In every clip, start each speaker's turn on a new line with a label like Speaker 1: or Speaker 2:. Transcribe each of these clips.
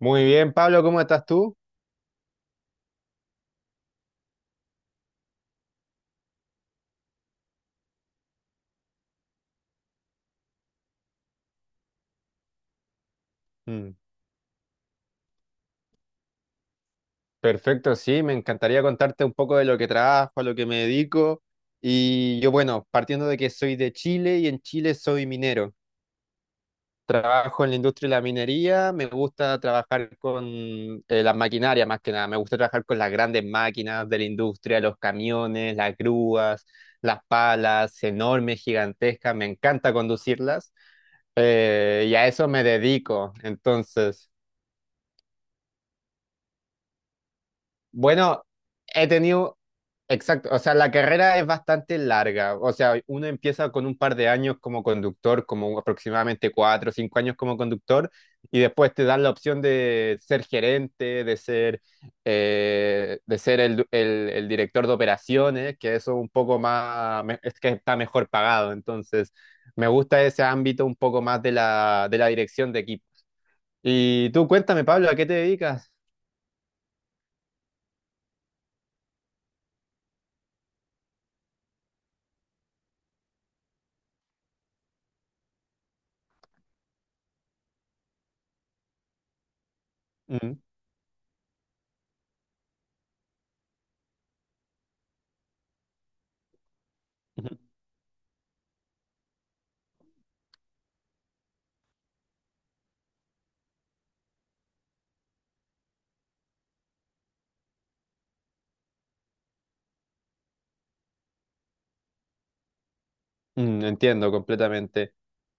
Speaker 1: Muy bien, Pablo, ¿cómo estás tú? Mm. Perfecto, sí, me encantaría contarte un poco de lo que trabajo, a lo que me dedico. Y yo, bueno, partiendo de que soy de Chile y en Chile soy minero. Trabajo en la industria de la minería, me gusta trabajar con las maquinarias más que nada, me gusta trabajar con las grandes máquinas de la industria, los camiones, las grúas, las palas, enormes, gigantescas, me encanta conducirlas, y a eso me dedico. Entonces... bueno, he tenido, exacto, o sea, la carrera es bastante larga, o sea, uno empieza con un par de años como conductor, como aproximadamente cuatro o cinco años como conductor, y después te dan la opción de ser gerente, de ser el director de operaciones, que eso un poco más, es que está mejor pagado, entonces me gusta ese ámbito un poco más de de la dirección de equipo. Y tú cuéntame, Pablo, ¿a qué te dedicas? Mm. Mm, entiendo completamente.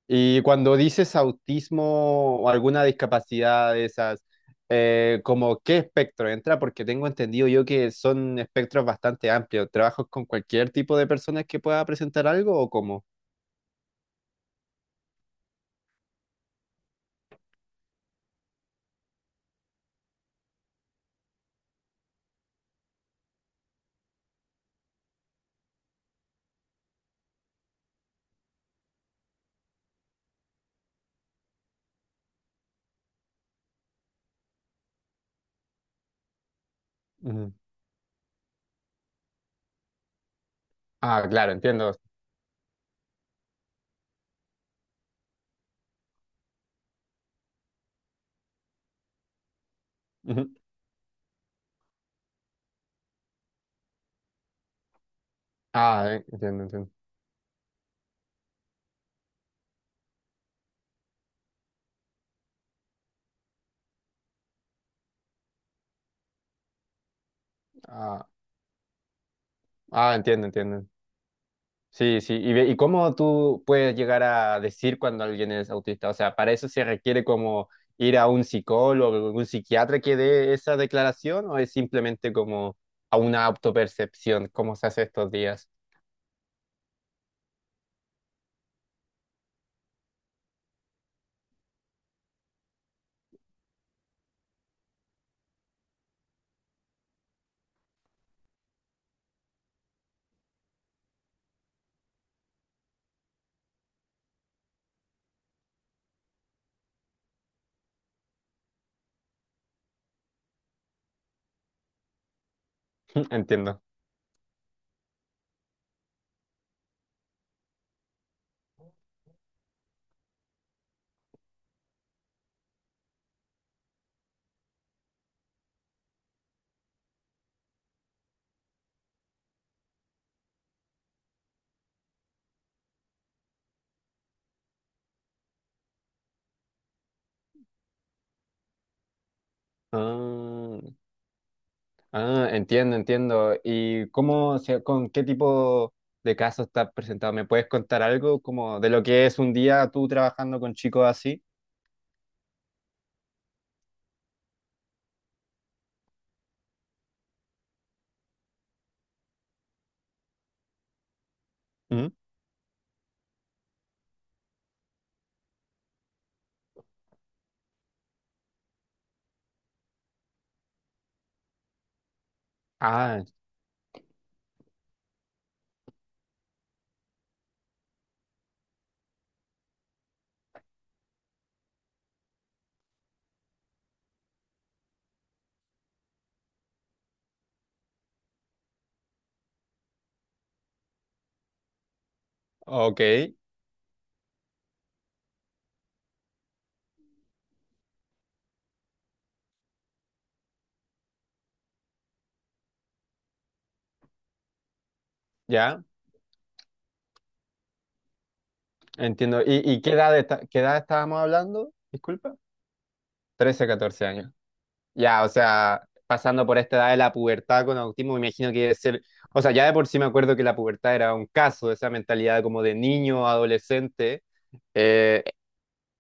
Speaker 1: Y cuando dices autismo o alguna discapacidad de esas, ¿como qué espectro entra? Porque tengo entendido yo que son espectros bastante amplios. ¿Trabajas con cualquier tipo de personas que pueda presentar algo o cómo? Ujú. Ah, claro, entiendo. Ujú. Ah, entiendo, entiendo. Ah, ah, entiendo, entiendo. Sí, sí. ¿ y ¿cómo tú puedes llegar a decir cuando alguien es autista? O sea, para eso se requiere como ir a un psicólogo, un psiquiatra que dé esa declaración, o es simplemente como a una autopercepción, como se hace estos días. Entiendo. Ah, ah, entiendo, entiendo. ¿Y cómo se, con qué tipo de casos estás presentado? ¿Me puedes contar algo como de lo que es un día tú trabajando con chicos así? ¿Mm? Ah, ok, ya. Entiendo. ¿Y, qué edad, qué edad estábamos hablando? Disculpa. 13 14 años. Ya, o sea, pasando por esta edad de la pubertad con autismo, me imagino que debe ser, o sea, ya de por sí me acuerdo que la pubertad era un caso, esa mentalidad como de niño, adolescente, eh,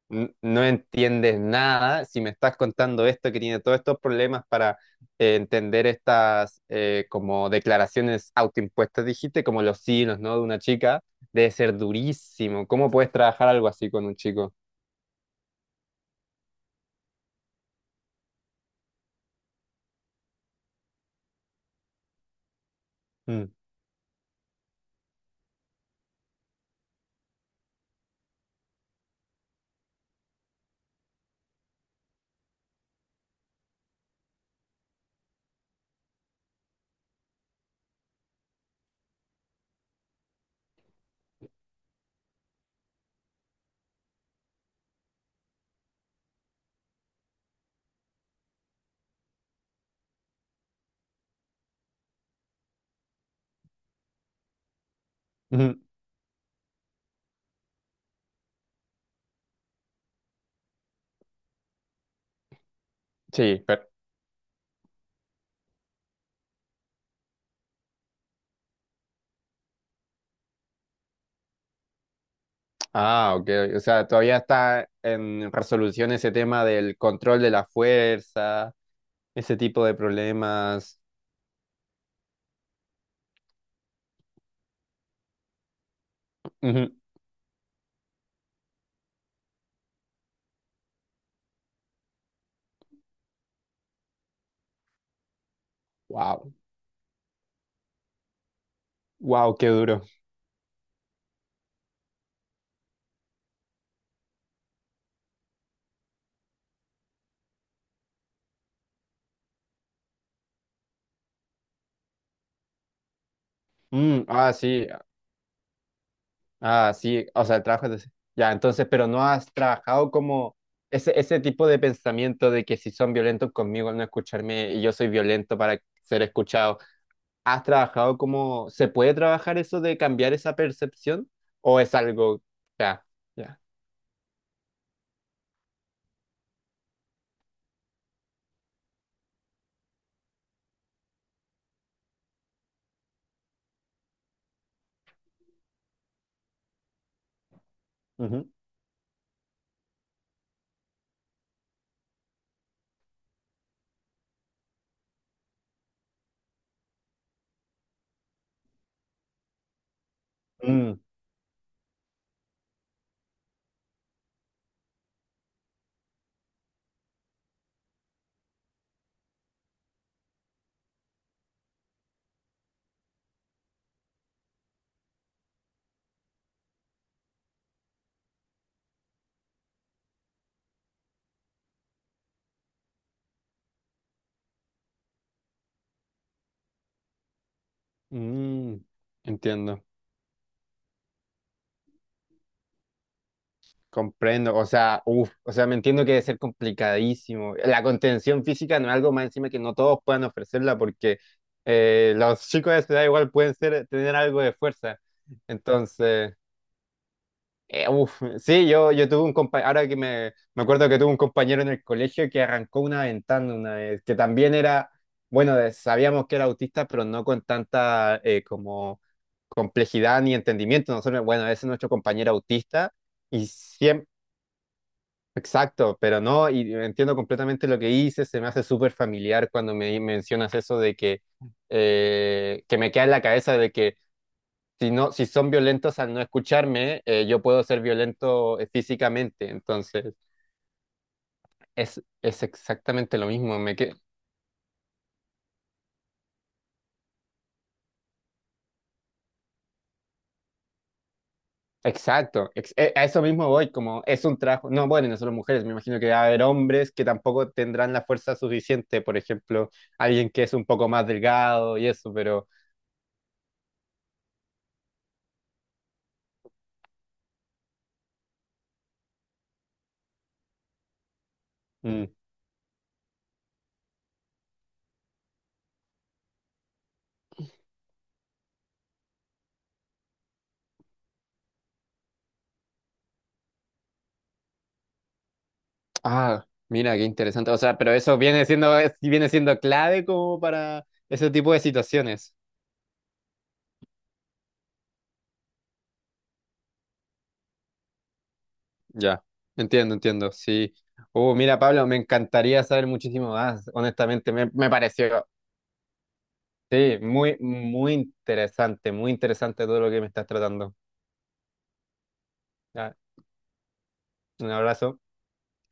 Speaker 1: no entiendes nada. Si me estás contando esto, que tiene todos estos problemas para entender estas como declaraciones autoimpuestas, dijiste, como los sí, los no de una chica. Debe ser durísimo. ¿Cómo puedes trabajar algo así con un chico? Mm. Ujú. Sí, pero... Ah, ok. O sea, todavía está en resolución ese tema del control de la fuerza, ese tipo de problemas. Wow, wow, qué duro. Mm, ah, sí, ah, sí. Ya, entonces, pero no has trabajado como ese tipo de pensamiento de que si son violentos conmigo al no escucharme y yo soy violento para ser escuchado. ¿Has trabajado como... ¿Se puede trabajar eso de cambiar esa percepción? ¿O es algo... Ya. Ya. Ujú. Mm, mm, entiendo, comprendo, o sea, uf, o sea, me entiendo que debe ser complicadísimo. La contención física no es algo más encima que no todos puedan ofrecerla, porque los chicos de esa edad igual pueden ser, tener algo de fuerza. Entonces, uf, sí, yo tuve un compañero, ahora que me acuerdo que tuve un compañero en el colegio que arrancó una ventana una vez, que también era, bueno, sabíamos que era autista, pero no con tanta como complejidad ni entendimiento. Nosotros, bueno, ese es nuestro compañero autista y siempre, exacto, pero no, y entiendo completamente lo que hice, se me hace súper familiar cuando me mencionas eso de que me queda en la cabeza de que si no, si son violentos al no escucharme, yo puedo ser violento, físicamente. Entonces, es exactamente lo mismo. Me que... Exacto, a eso mismo voy, como es un trabajo, no, bueno, y no solo mujeres, me imagino que va a haber hombres que tampoco tendrán la fuerza suficiente, por ejemplo, alguien que es un poco más delgado y eso, pero... mm, ah, mira, qué interesante. O sea, pero eso viene siendo, viene siendo clave como para ese tipo de situaciones. Ya, entiendo, entiendo, sí. Mira, Pablo, me encantaría saber muchísimo más, honestamente, me pareció, sí, muy interesante todo lo que me estás tratando. Ya, un abrazo.